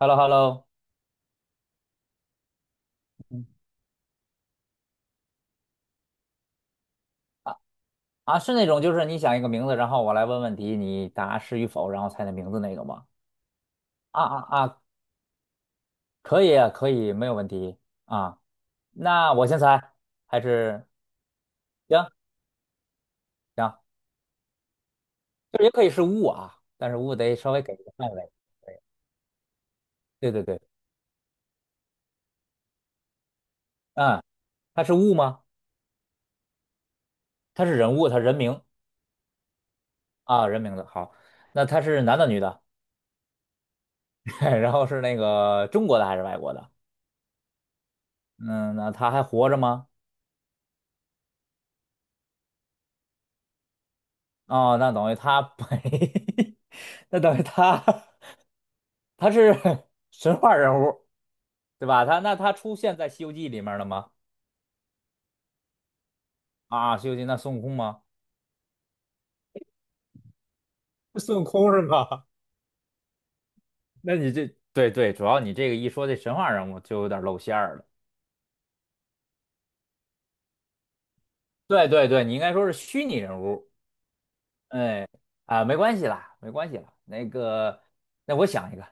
h e l l o h e l l o 啊，是那种就是你想一个名字，然后我来问问题，你答是与否，然后猜那名字那个吗？啊啊啊，可以啊可以，没有问题啊。那我先猜，还是行行，就是也可以是物啊，但是物得稍微给一个范围。对对对，嗯，他是物吗？他是人物，他人名啊，人名的好。那他是男的女的？然后是那个中国的还是外国的？嗯，那他还活着吗？哦，那等于他没，那等于他 他是 神话人物，对吧？那他出现在《西游记》里面了吗？啊，《西游记》那孙悟空吗？孙悟空是吗？那你这对对，主要你这个一说这神话人物就有点露馅儿了。对对对，你应该说是虚拟人物。哎啊，没关系啦，没关系啦。那个，那我想一个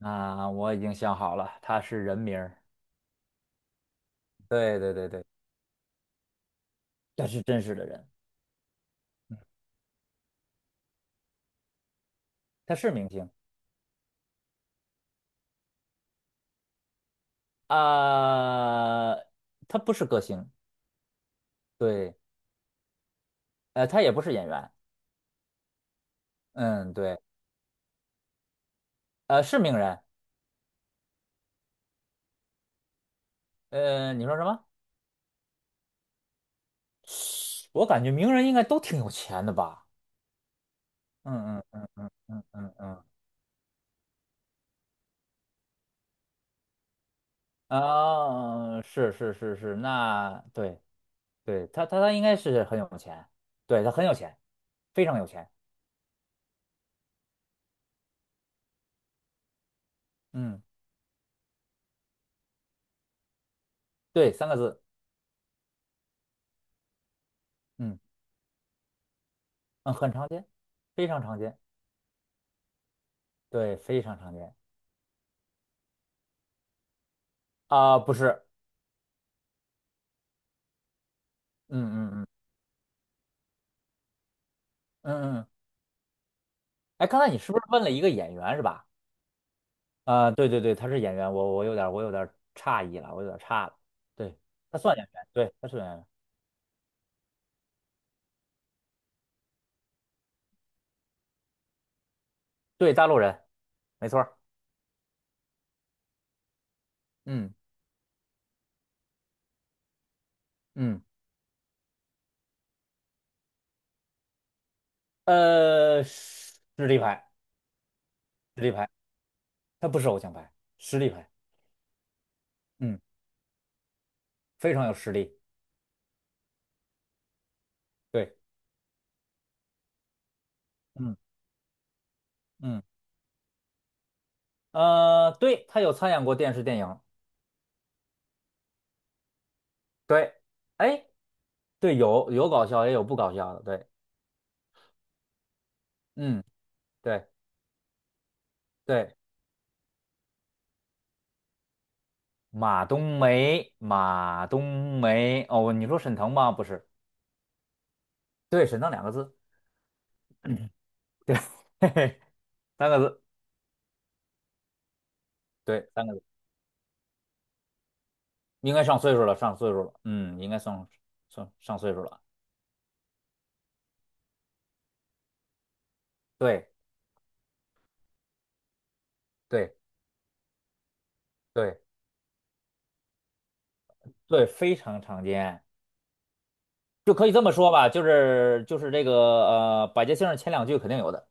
啊，我已经想好了，他是人名儿。对对对对，他是真实的人，他是明星。呃，他不是歌星，对，他也不是演员，嗯，对，是名人，你说什么？我感觉名人应该都挺有钱的吧？嗯嗯嗯嗯嗯嗯嗯，啊，是是是是，那对对，他应该是很有钱，对，他很有钱，非常有钱，嗯，对，三个字，嗯嗯，很常见，非常常见，对，非常常见，啊，不是，嗯嗯嗯嗯嗯，哎，刚才你是不是问了一个演员是吧？啊、对对对，他是演员，我有点诧异了，我有点差了。对，他算演员，对，他是演员，对，大陆人，没错儿。嗯嗯，实力派，实力派，他不是偶像派，实力派，嗯，非常有实力。对，嗯嗯，呃，对，他有参演过电视电影，对，哎，对，有搞笑也有不搞笑的，对，嗯，对对，马冬梅，马冬梅，哦，你说沈腾吗？不是，对，沈腾两个字。对，嘿嘿，三个字，对，三个字，应该上岁数了，上岁数了，嗯，应该上岁数了，对对对对，非常常见，就可以这么说吧，就是这个百家姓儿前两句肯定有的，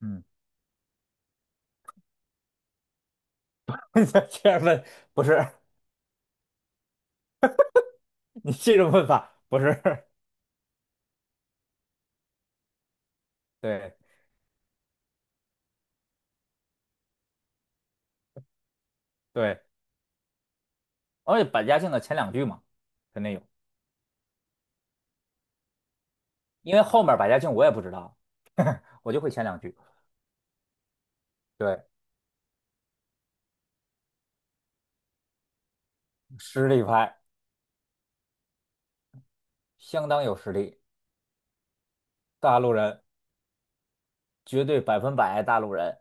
嗯，这样问不是 你这种问法不是，对对，而且百家姓的前两句嘛，肯定有，因为后面百家姓我也不知道，我就会前两句，对，实力派，相当有实力，大陆人。绝对百分百大陆人。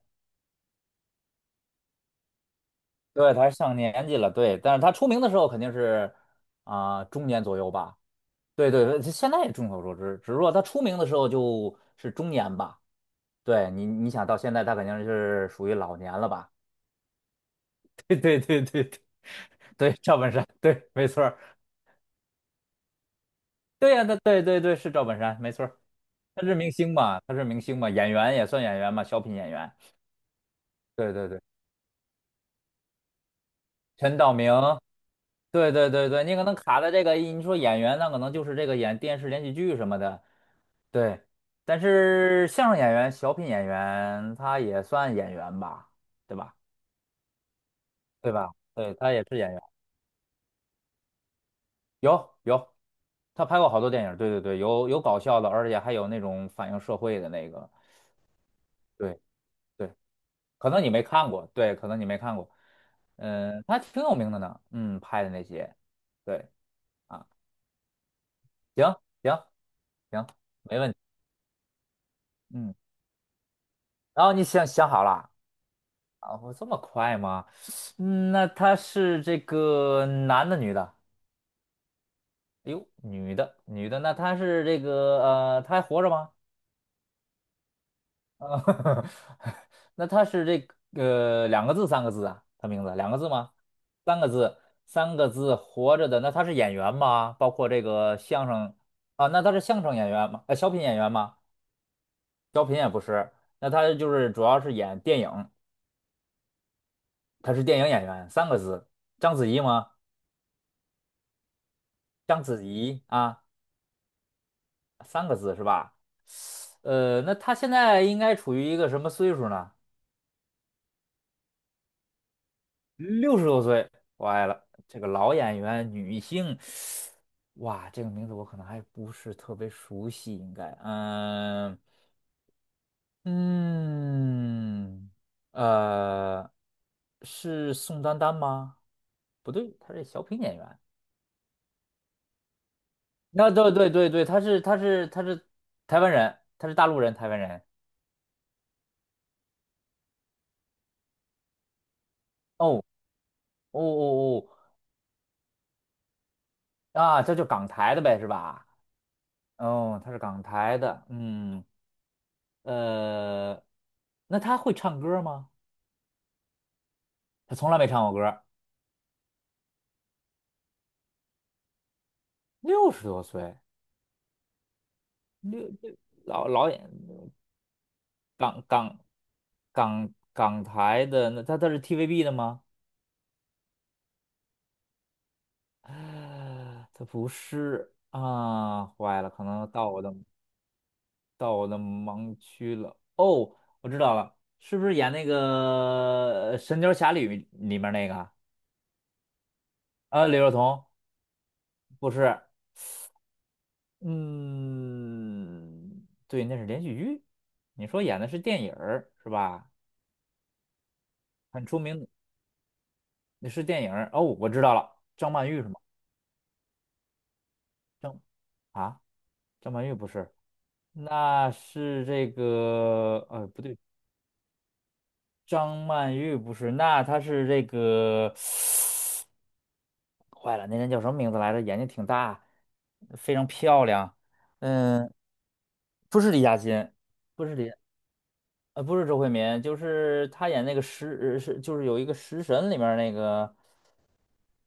对，他上年纪了，对，但是他出名的时候肯定是啊、中年左右吧。对对，现在也众所周知，只是说他出名的时候就是中年吧。对，你想到现在他肯定是属于老年了吧？对对对对对，对赵本山，对，没错儿，对呀、他对对对是赵本山，没错儿，他是明星嘛，他是明星嘛，演员也算演员嘛，小品演员。对对对，陈道明，对对对对，你可能卡在这个，你说演员那可能就是这个演电视连续剧什么的，对。但是相声演员、小品演员，他也算演员吧，对吧？对吧？对，他也是演员，有有，他拍过好多电影，对对对，有搞笑的，而且还有那种反映社会的那个，对对，可能你没看过，对，可能你没看过，嗯，他挺有名的呢，嗯，拍的那些，对啊，行行行，没问题，嗯，然后你想想好了。哦，这么快吗？嗯，那他是这个男的，女的？哎呦，女的，女的，那他是这个他还活着吗？呃，那他是这个、两个字，三个字啊？他名字两个字吗？三个字，三个字，活着的。那他是演员吗？包括这个相声啊？那他是相声演员吗？小品演员吗？小品也不是，那他就是主要是演电影，他是电影演员，三个字，章子怡吗？章子怡啊。三个字是吧？那他现在应该处于一个什么岁数呢？六十多岁，歪了，这个老演员，女性，哇，这个名字我可能还不是特别熟悉，应该，嗯嗯，呃，是宋丹丹吗？不对，她是小品演员。那对对对对，她是台湾人，她是大陆人，台湾人。哦哦哦哦，啊，这就港台的呗，是吧？哦，他是港台的，嗯，呃，那他会唱歌吗？他从来没唱过歌，六十多岁，六六老老演港港港台的，那他是 TVB 的吗？啊他不是啊，坏了，可能到我的盲区了。哦，我知道了，是不是演那个神雕侠侣》里面那个啊？啊，李若彤不是。嗯，对，那是连续剧。你说演的是电影儿是吧？很出名的，那是电影儿哦，我知道了，张曼玉是吗？张啊，张曼玉不是，那是这个，不对，张曼玉不是，那她是这个，坏了，那人叫什么名字来着？眼睛挺大，非常漂亮。嗯，不是李嘉欣，不是李。不是周慧敏，就是她演那个食是就是有一个食神里面儿那个，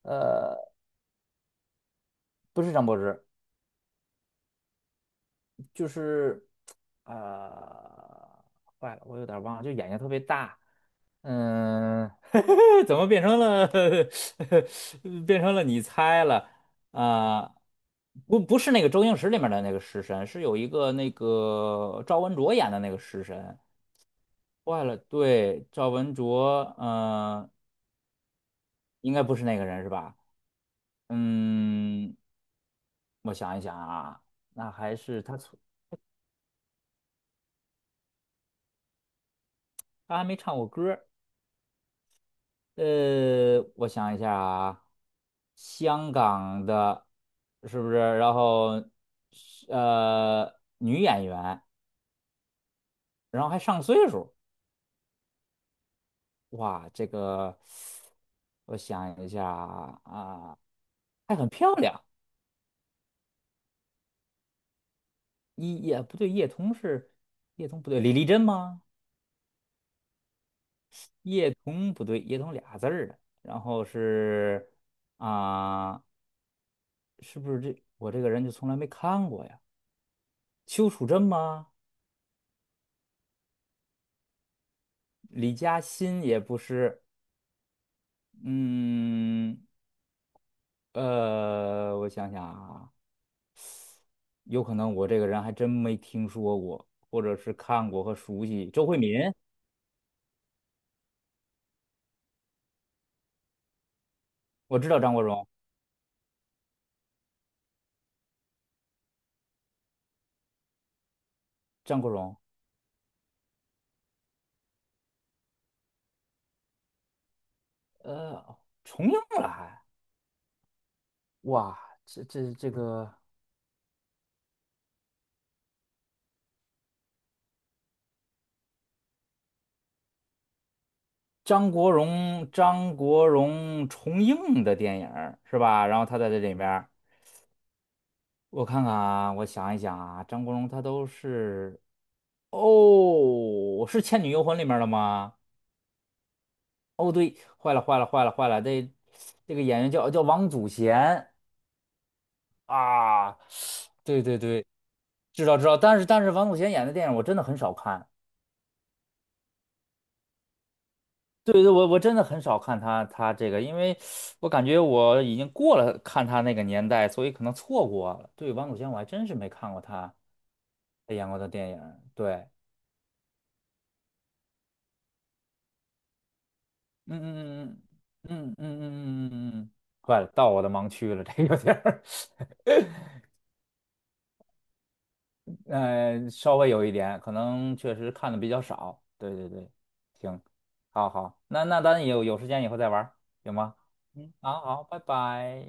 呃，不是张柏芝，就是呃，坏了，我有点儿忘了，就眼睛特别大，嗯，怎么变成了 变成了你猜了啊？不是那个周星驰里面的那个食神，是有一个那个赵文卓演的那个食神。坏了，对，赵文卓，嗯、应该不是那个人是吧？嗯，我想一想啊，那还是他从他还没唱过歌儿。我想一下啊，香港的，是不是？然后是女演员，然后还上岁数，哇，这个我想一下啊，啊，还很漂亮。也不对，叶童不对，李丽珍吗？叶童不对，叶童俩字儿的。然后是啊。是不是我这个人就从来没看过呀？邱楚真吗？李嘉欣也不是，嗯，我想想啊，有可能我这个人还真没听说过，或者是看过和熟悉。周慧敏，我知道张国荣，张国荣，呃，重映了还，哇，这个张国荣，张国荣重映的电影儿是吧？然后他在这里边儿。我看看啊，我想一想啊，张国荣他都是哦，是《倩女幽魂》里面的吗？哦，对，坏了，坏了，坏了，坏了，这个演员叫王祖贤啊，对对对，知道知道，但是王祖贤演的电影我真的很少看，对对，我真的很少看他这个，因为我感觉我已经过了看他那个年代，所以可能错过了。对，王祖贤我还真是没看过他演过的电影，对，嗯嗯嗯嗯嗯嗯嗯嗯嗯嗯，坏了，到我的盲区了，这有点儿。嗯、稍微有一点，可能确实看的比较少。对对对，行，好好，那咱有时间以后再玩儿行吗？嗯，好好，拜拜。